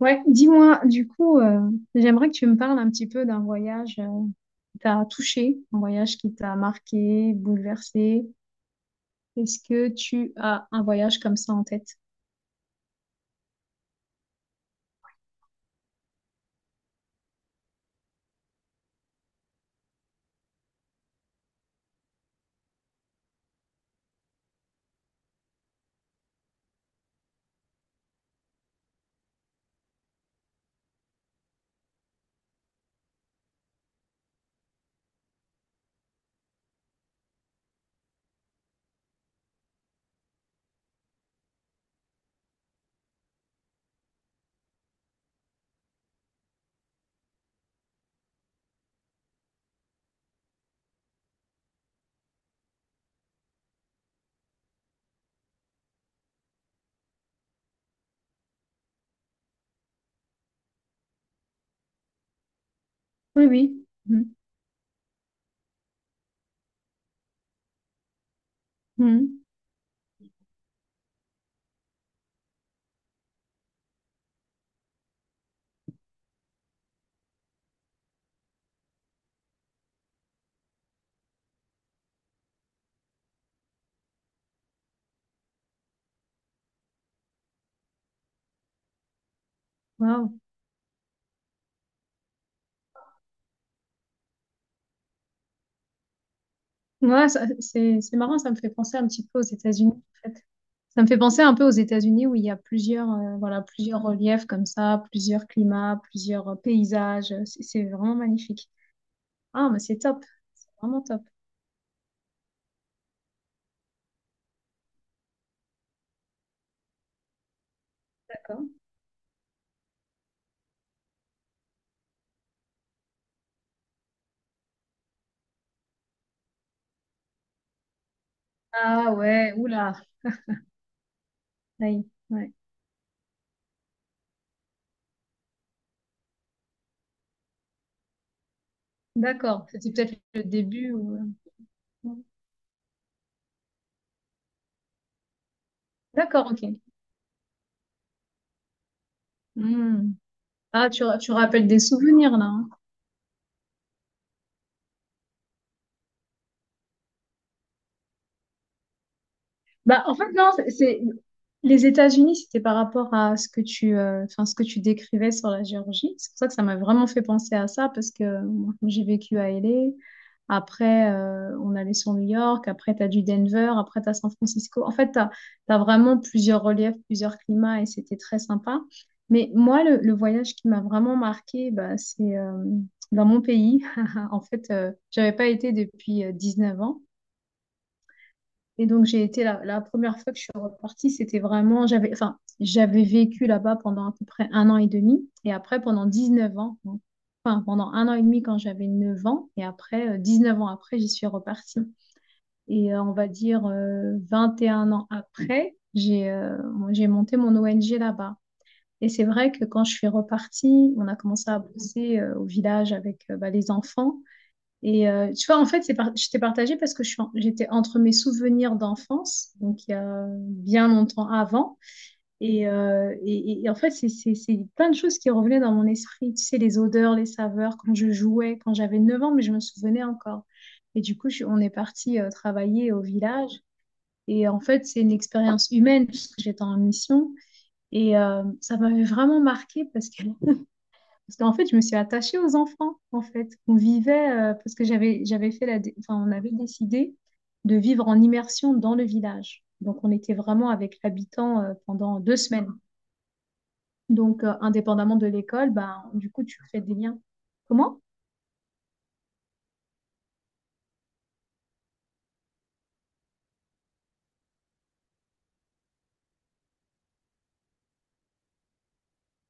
Ouais, dis-moi, du coup, j'aimerais que tu me parles un petit peu d'un voyage qui t'a touché, un voyage qui t'a marqué, bouleversé. Est-ce que tu as un voyage comme ça en tête? Oui, oui. Mhm. Mhm. Waouh. Ouais, c'est marrant, ça me fait penser un petit peu aux États-Unis, en fait. Ça me fait penser un peu aux États-Unis où il y a plusieurs, voilà, plusieurs reliefs comme ça, plusieurs climats, plusieurs paysages. C'est vraiment magnifique. Ah, mais c'est top, vraiment top. D'accord. Ah ouais, oula. Aïe. Ouais. D'accord, c'était peut-être le début ou... D'accord, ok. Hmm. Ah, tu rappelles des souvenirs là, hein. Bah, en fait, non, les États-Unis, c'était par rapport à ce que enfin, ce que tu décrivais sur la Géorgie. C'est pour ça que ça m'a vraiment fait penser à ça, parce que moi, comme j'ai vécu à LA. Après, on allait sur New York. Après, tu as du Denver. Après, tu as San Francisco. En fait, tu as vraiment plusieurs reliefs, plusieurs climats, et c'était très sympa. Mais moi, le voyage qui m'a vraiment marqué, bah, c'est dans mon pays. En fait, j'avais pas été depuis neuf ans. Et donc, j'ai été la première fois que je suis repartie, c'était vraiment, enfin, j'avais vécu là-bas pendant à peu près un an et demi, et après pendant 19 ans, donc, enfin, pendant un an et demi quand j'avais neuf ans, et après, 9 ans après, j'y suis repartie. Et on va dire 21 ans après, j'ai monté mon ONG là-bas. Et c'est vrai que quand je suis repartie, on a commencé à bosser au village avec bah, les enfants. Et tu vois, en fait, je t'ai partagé parce que j'étais entre mes souvenirs d'enfance, donc il y a bien longtemps avant, et en fait, c'est plein de choses qui revenaient dans mon esprit. Tu sais, les odeurs, les saveurs, quand je jouais, quand j'avais 9 ans, mais je me souvenais encore. Et du coup, on est parti travailler au village. Et en fait, c'est une expérience humaine puisque j'étais en mission. Et ça m'avait vraiment marqué parce qu'en fait, je me suis attachée aux enfants, en fait. On vivait, parce que j'avais fait enfin, on avait décidé de vivre en immersion dans le village. Donc, on était vraiment avec l'habitant pendant deux semaines. Donc, indépendamment de l'école, ben, du coup, tu fais des liens. Comment?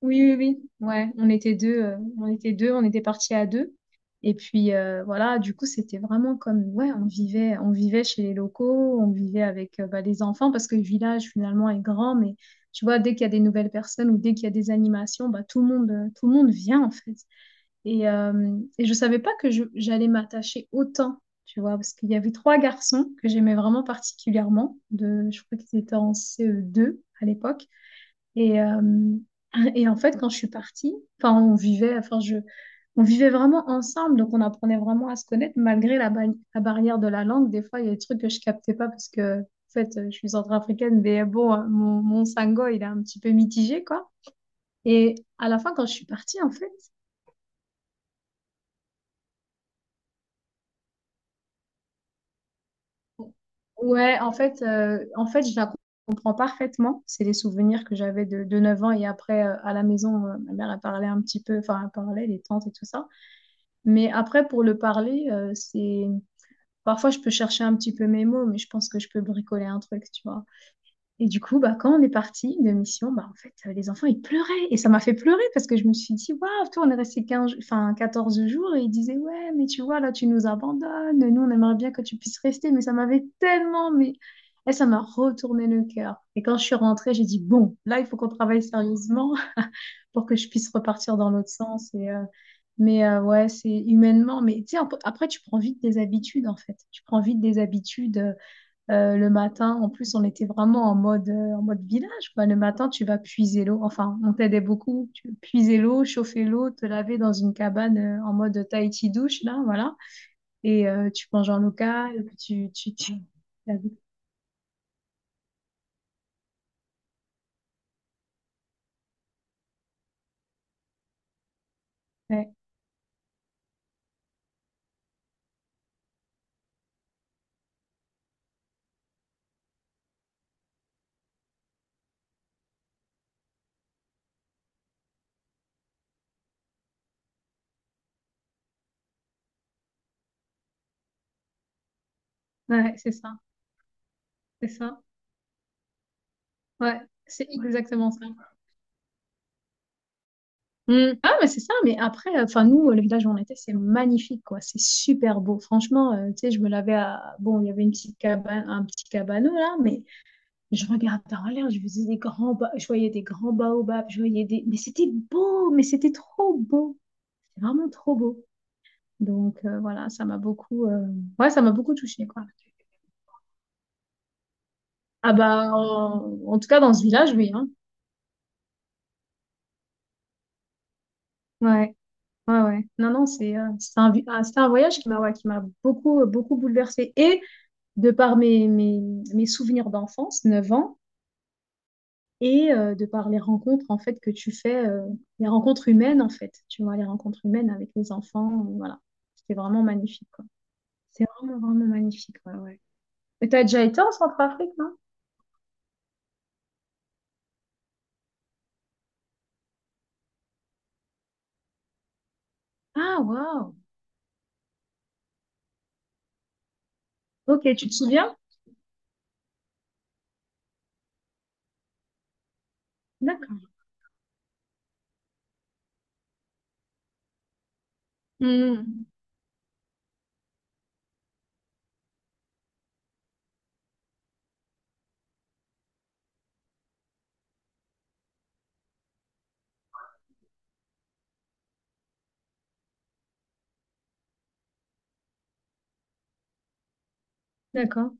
Oui, oui, oui. Ouais, on était deux, on était partis à deux. Et puis voilà, du coup, c'était vraiment comme ouais, on vivait chez les locaux, on vivait avec bah, les enfants parce que le village finalement est grand, mais tu vois, dès qu'il y a des nouvelles personnes ou dès qu'il y a des animations, bah tout le monde vient en fait. Et je savais pas que j'allais m'attacher autant, tu vois, parce qu'il y avait trois garçons que j'aimais vraiment particulièrement. De, je crois qu'ils étaient en CE2 à l'époque. Et, euh, et en fait, quand je suis partie, enfin, on vivait, enfin, je, on vivait vraiment ensemble, donc on apprenait vraiment à se connaître malgré la barrière de la langue. Des fois, il y a des trucs que je captais pas parce que, en fait, je suis centrafricaine, mais bon, hein, mon sango, il est un petit peu mitigé, quoi. Et à la fin, quand je suis partie, en fait, ouais, en fait, je la comprends parfaitement. C'est les souvenirs que j'avais de 9 ans et après, à la maison, ma mère, elle parlait un petit peu, enfin, elle parlait, les tantes et tout ça. Mais après, pour le parler, c'est... Parfois, je peux chercher un petit peu mes mots, mais je pense que je peux bricoler un truc, tu vois. Et du coup, bah, quand on est parti de mission, bah, en fait, les enfants, ils pleuraient. Et ça m'a fait pleurer parce que je me suis dit, waouh, toi, on est resté 14 jours et ils disaient, ouais, mais tu vois, là, tu nous abandonnes. Nous, on aimerait bien que tu puisses rester. Mais ça m'avait tellement, mais et ça m'a retourné le cœur. Et quand je suis rentrée, j'ai dit, bon, là, il faut qu'on travaille sérieusement pour que je puisse repartir dans l'autre sens. Ouais, c'est humainement. Mais tu sais, après, tu prends vite des habitudes, en fait. Tu prends vite des habitudes. Le matin, en plus, on était vraiment en mode village, quoi. Le matin, tu vas puiser l'eau. Enfin, on t'aidait beaucoup. Tu puiser l'eau, chauffer l'eau, te laver dans une cabane en mode Tahiti douche, là, voilà. Et tu manges en local, tu... Ouais, ouais, c'est ça. C'est ça. Ouais, c'est exactement ça. Mm. Ah, mais c'est ça, mais après, enfin, nous, le village où on était, c'est magnifique, quoi. C'est super beau. Franchement, tu sais, je me lavais à. Bon, il y avait une petite cabane, un petit cabanon, là, mais je regardais en l'air, je voyais des grands baobabs, je voyais des. Mais c'était beau, mais c'était trop beau. C'est vraiment trop beau. Donc, voilà, ça m'a beaucoup. Ouais, ça m'a beaucoup touchée, quoi. Ah, bah, en tout cas, dans ce village, oui, hein. Ouais. Ouais, ouais. Non, non, c'est c'est un voyage qui m'a ouais, qui m'a beaucoup, beaucoup bouleversée. Et de par mes souvenirs d'enfance, 9 ans, et de par les rencontres en fait que tu fais, les rencontres humaines en fait, tu vois, les rencontres humaines avec les enfants, voilà. C'était vraiment magnifique, quoi. C'est vraiment, vraiment magnifique, ouais, ouais. Mais t'as déjà été en Centrafrique, non? Ah, waouh! Ok, tu te souviens? D'accord. Hmm, d'accord.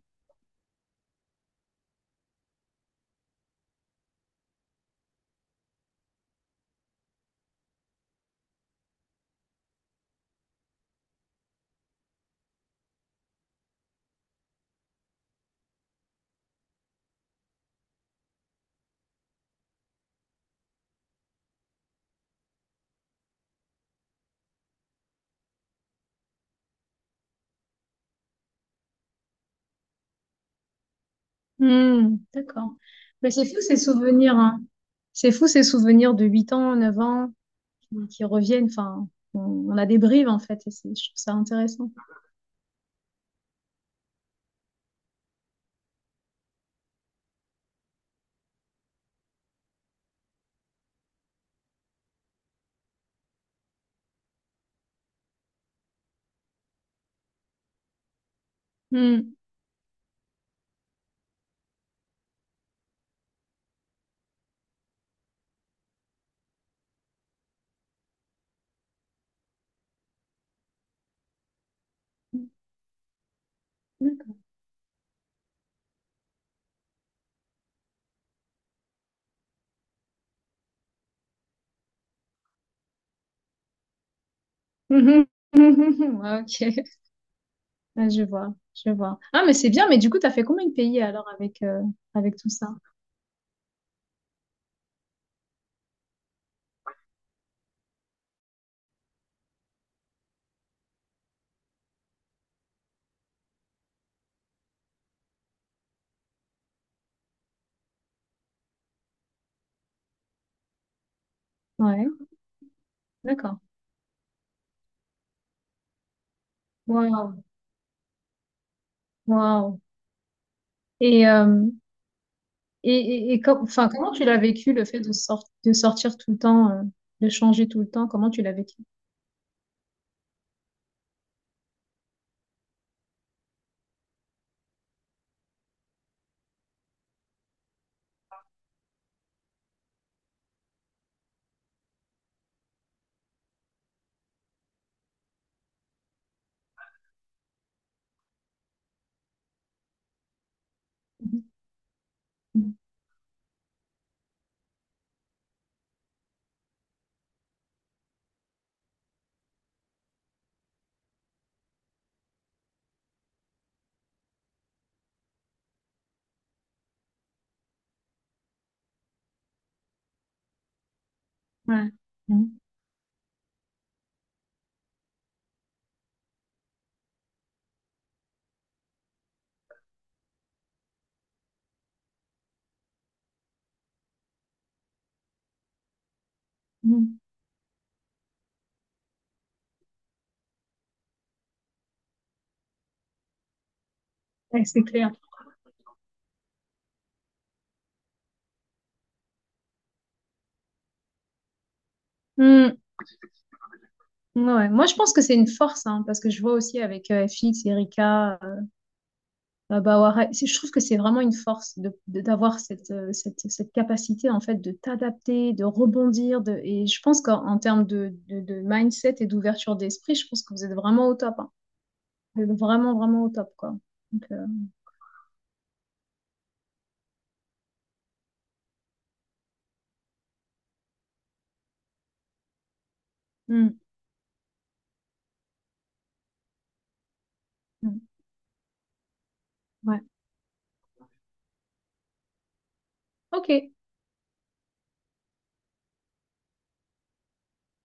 Hmm, d'accord. Mais c'est fou ces souvenirs, hein. C'est fou ces souvenirs de 8 ans, 9 ans, qui reviennent, enfin, on a des bribes en fait, et je trouve ça intéressant. Hmm. D'accord. Ah, ok, ah, je vois, je vois. Ah, mais c'est bien, mais du coup, t'as fait combien de pays alors avec, avec tout ça? Ouais, d'accord. Waouh, waouh. Et, euh, enfin, comment tu l'as vécu le fait de, de sortir tout le temps, de changer tout le temps? Comment tu l'as vécu? Mhm. Ouais, mhm. Mhm. Ouais, c'est clair. Hmm. Ouais. Moi, je pense que c'est une force, hein, parce que je vois aussi avec FX, Erika. Bah, ouais, je trouve que c'est vraiment une force d'avoir cette, cette capacité en fait de t'adapter, de rebondir. De, et je pense qu'en en termes de mindset et d'ouverture d'esprit, je pense que vous êtes vraiment au top, hein. Vous êtes vraiment, vraiment au top, quoi. Donc, mm, mm, ouais. Ok.